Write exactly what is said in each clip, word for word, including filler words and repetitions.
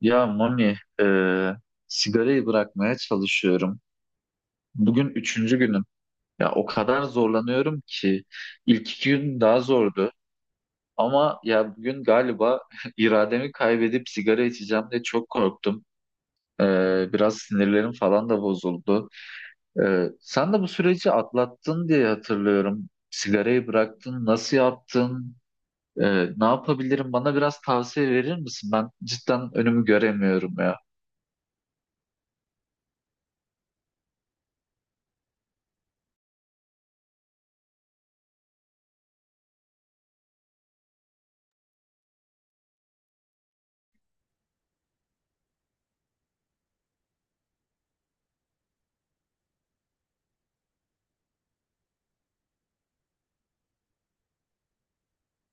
Ya Mami, e, sigarayı bırakmaya çalışıyorum. Bugün üçüncü günüm. Ya o kadar zorlanıyorum ki ilk iki gün daha zordu. Ama ya bugün galiba irademi kaybedip sigara içeceğim diye çok korktum. E, Biraz sinirlerim falan da bozuldu. E, sen de bu süreci atlattın diye hatırlıyorum. Sigarayı bıraktın, nasıl yaptın? E, Ne yapabilirim? Bana biraz tavsiye verir misin? Ben cidden önümü göremiyorum ya.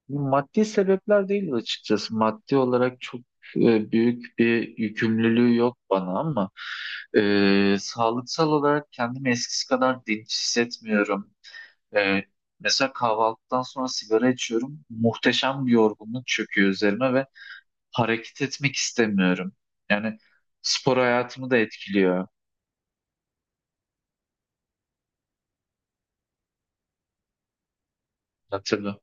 Maddi sebepler değil açıkçası. Maddi olarak çok e, büyük bir yükümlülüğü yok bana ama e, sağlıksal olarak kendimi eskisi kadar dinç hissetmiyorum. E, Mesela kahvaltıdan sonra sigara içiyorum. Muhteşem bir yorgunluk çöküyor üzerime ve hareket etmek istemiyorum. Yani spor hayatımı da etkiliyor. Ya tabii.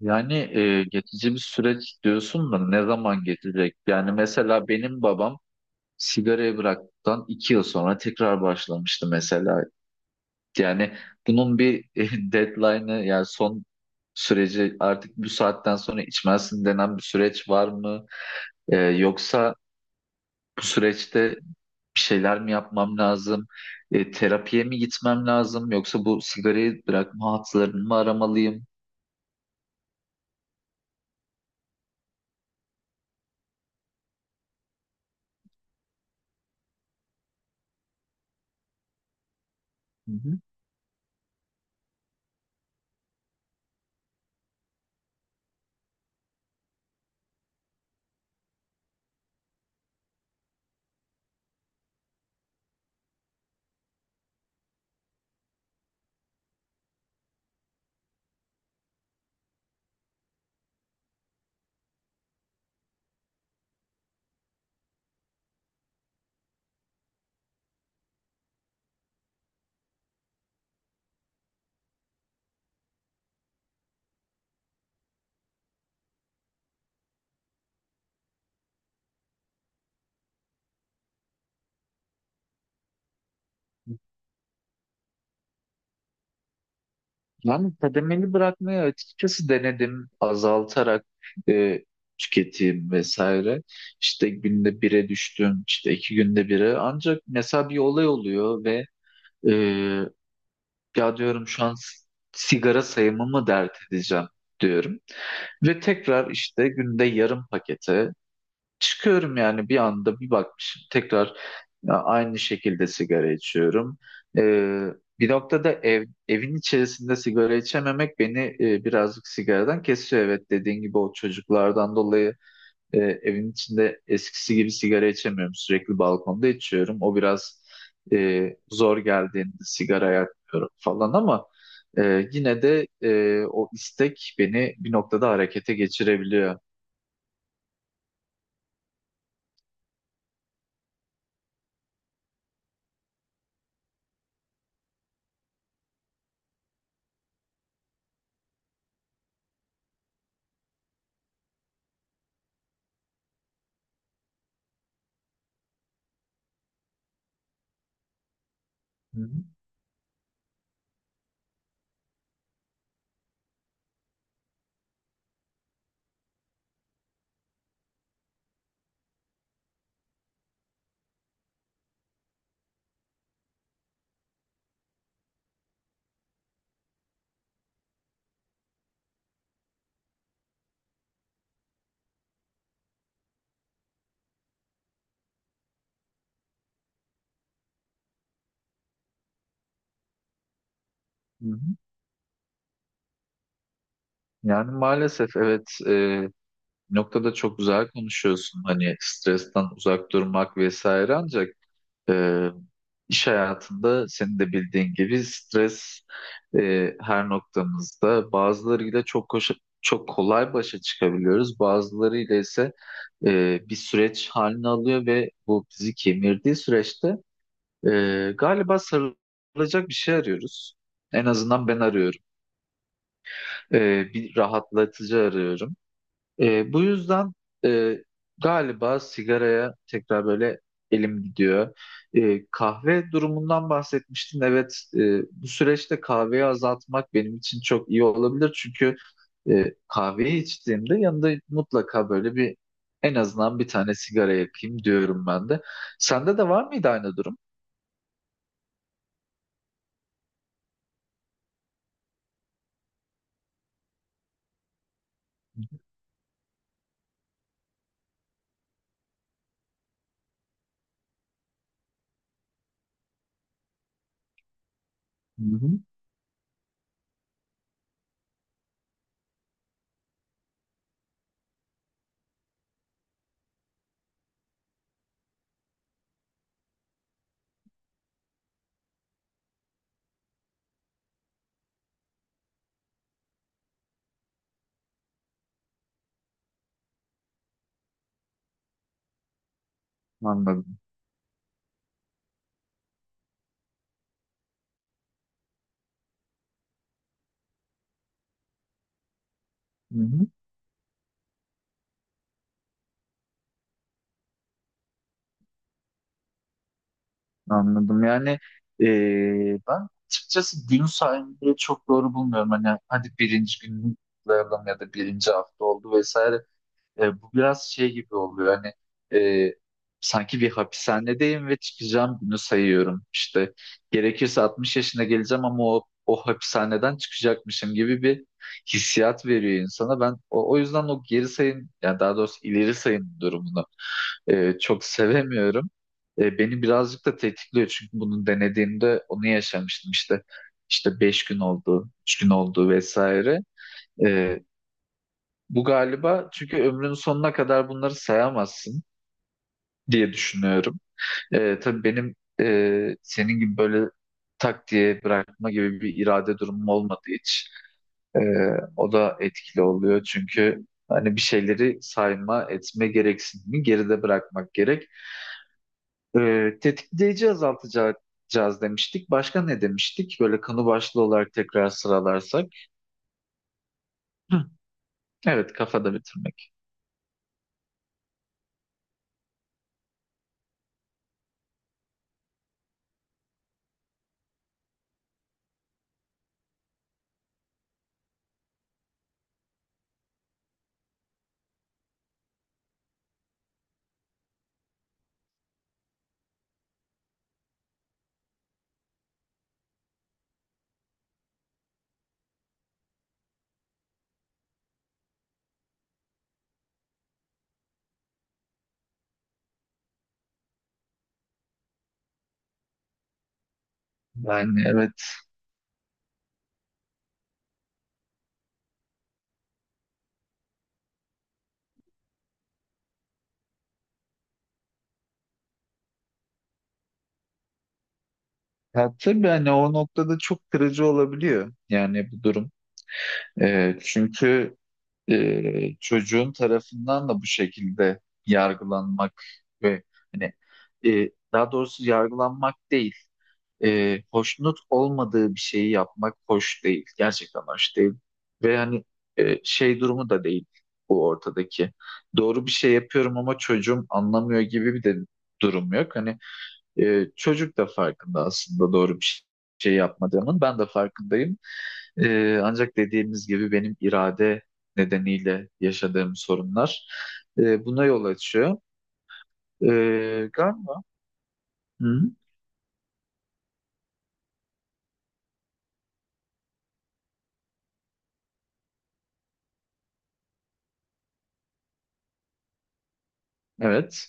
Yani e, geçici bir süreç diyorsun da ne zaman geçecek? Yani mesela benim babam sigarayı bıraktıktan iki yıl sonra tekrar başlamıştı mesela. Yani bunun bir deadline'ı yani son süreci artık bu saatten sonra içmezsin denen bir süreç var mı? E, yoksa bu süreçte bir şeyler mi yapmam lazım? E, terapiye mi gitmem lazım? Yoksa bu sigarayı bırakma hatlarını mı aramalıyım? Hı hı. Yani kademeli bırakmayı açıkçası denedim azaltarak e, tüketim vesaire. İşte günde bire düştüm, işte iki günde bire. Ancak mesela bir olay oluyor ve e, ya diyorum şu an s- sigara sayımı mı dert edeceğim diyorum. Ve tekrar işte günde yarım pakete çıkıyorum yani bir anda bir bakmışım tekrar ya, aynı şekilde sigara içiyorum. Ee, Bir noktada ev, evin içerisinde sigara içememek beni e, birazcık sigaradan kesiyor. Evet, dediğin gibi o çocuklardan dolayı e, evin içinde eskisi gibi sigara içemiyorum. Sürekli balkonda içiyorum. O biraz e, zor geldiğinde sigara yakmıyorum falan ama e, yine de e, o istek beni bir noktada harekete geçirebiliyor. Hı hı. Hı hı. Yani maalesef evet, e, noktada çok güzel konuşuyorsun hani stresten uzak durmak vesaire ancak e, iş hayatında senin de bildiğin gibi stres e, her noktamızda bazılarıyla çok koşa- çok kolay başa çıkabiliyoruz, bazılarıyla ise e, bir süreç halini alıyor ve bu bizi kemirdiği süreçte e, galiba sarılacak bir şey arıyoruz. En azından ben arıyorum. E, Bir rahatlatıcı arıyorum. E, bu yüzden e, galiba sigaraya tekrar böyle elim gidiyor. E, kahve durumundan bahsetmiştin. Evet, e, bu süreçte kahveyi azaltmak benim için çok iyi olabilir. Çünkü e, kahveyi içtiğimde yanında mutlaka böyle bir en azından bir tane sigara yakayım diyorum ben de. Sende de var mıydı aynı durum? Hı hı, anladım. Hı hı. Anladım. Yani eee, ben açıkçası gün saymayı çok doğru bulmuyorum. Hani hadi birinci gün kutlayalım ya da birinci hafta oldu vesaire. Eee, bu biraz şey gibi oluyor. Hani eee, sanki bir hapishanedeyim ve çıkacağım günü sayıyorum. İşte gerekirse altmış yaşına geleceğim ama o, o hapishaneden çıkacakmışım gibi bir hissiyat veriyor insana. Ben o, o yüzden o geri sayım, yani daha doğrusu ileri sayım durumunu e, çok sevemiyorum. E, beni birazcık da tetikliyor çünkü bunu denediğimde onu yaşamıştım işte. İşte beş gün oldu, üç gün oldu vesaire. E, Bu galiba çünkü ömrün sonuna kadar bunları sayamazsın diye düşünüyorum. E, tabii benim e, senin gibi böyle tak diye bırakma gibi bir irade durumum olmadı hiç. E, O da etkili oluyor çünkü hani bir şeyleri sayma, etme gereksinimi geride bırakmak gerek. Ee, tetikleyici azaltacağız demiştik. Başka ne demiştik? Böyle konu başlığı olarak tekrar sıralarsak. Hı, evet, kafada bitirmek. Yani evet. Ya, tabii hani o noktada çok kırıcı olabiliyor. Yani bu durum. Ee, çünkü e, çocuğun tarafından da bu şekilde yargılanmak ve hani e, daha doğrusu yargılanmak değil. E, hoşnut olmadığı bir şeyi yapmak hoş değil. Gerçekten hoş değil. Ve yani e, şey durumu da değil bu ortadaki. Doğru bir şey yapıyorum ama çocuğum anlamıyor gibi bir de durum yok. Hani e, çocuk da farkında aslında doğru bir şey yapmadığımın. Ben de farkındayım. E, ancak dediğimiz gibi benim irade nedeniyle yaşadığım sorunlar e, buna yol açıyor. E, galiba. Hı, evet.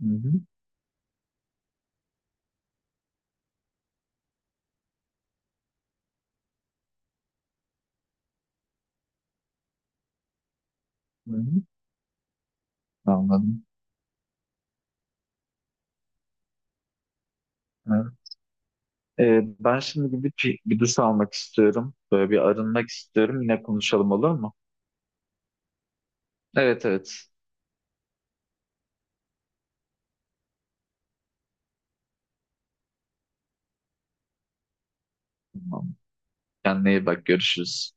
Hı hı, hı hı. Anladım. Evet. Ee, ben şimdi gidip bir, bir duş almak istiyorum. Böyle bir arınmak istiyorum. Yine konuşalım, olur mu? Evet, evet. Tamam. Kendine iyi bak. Görüşürüz.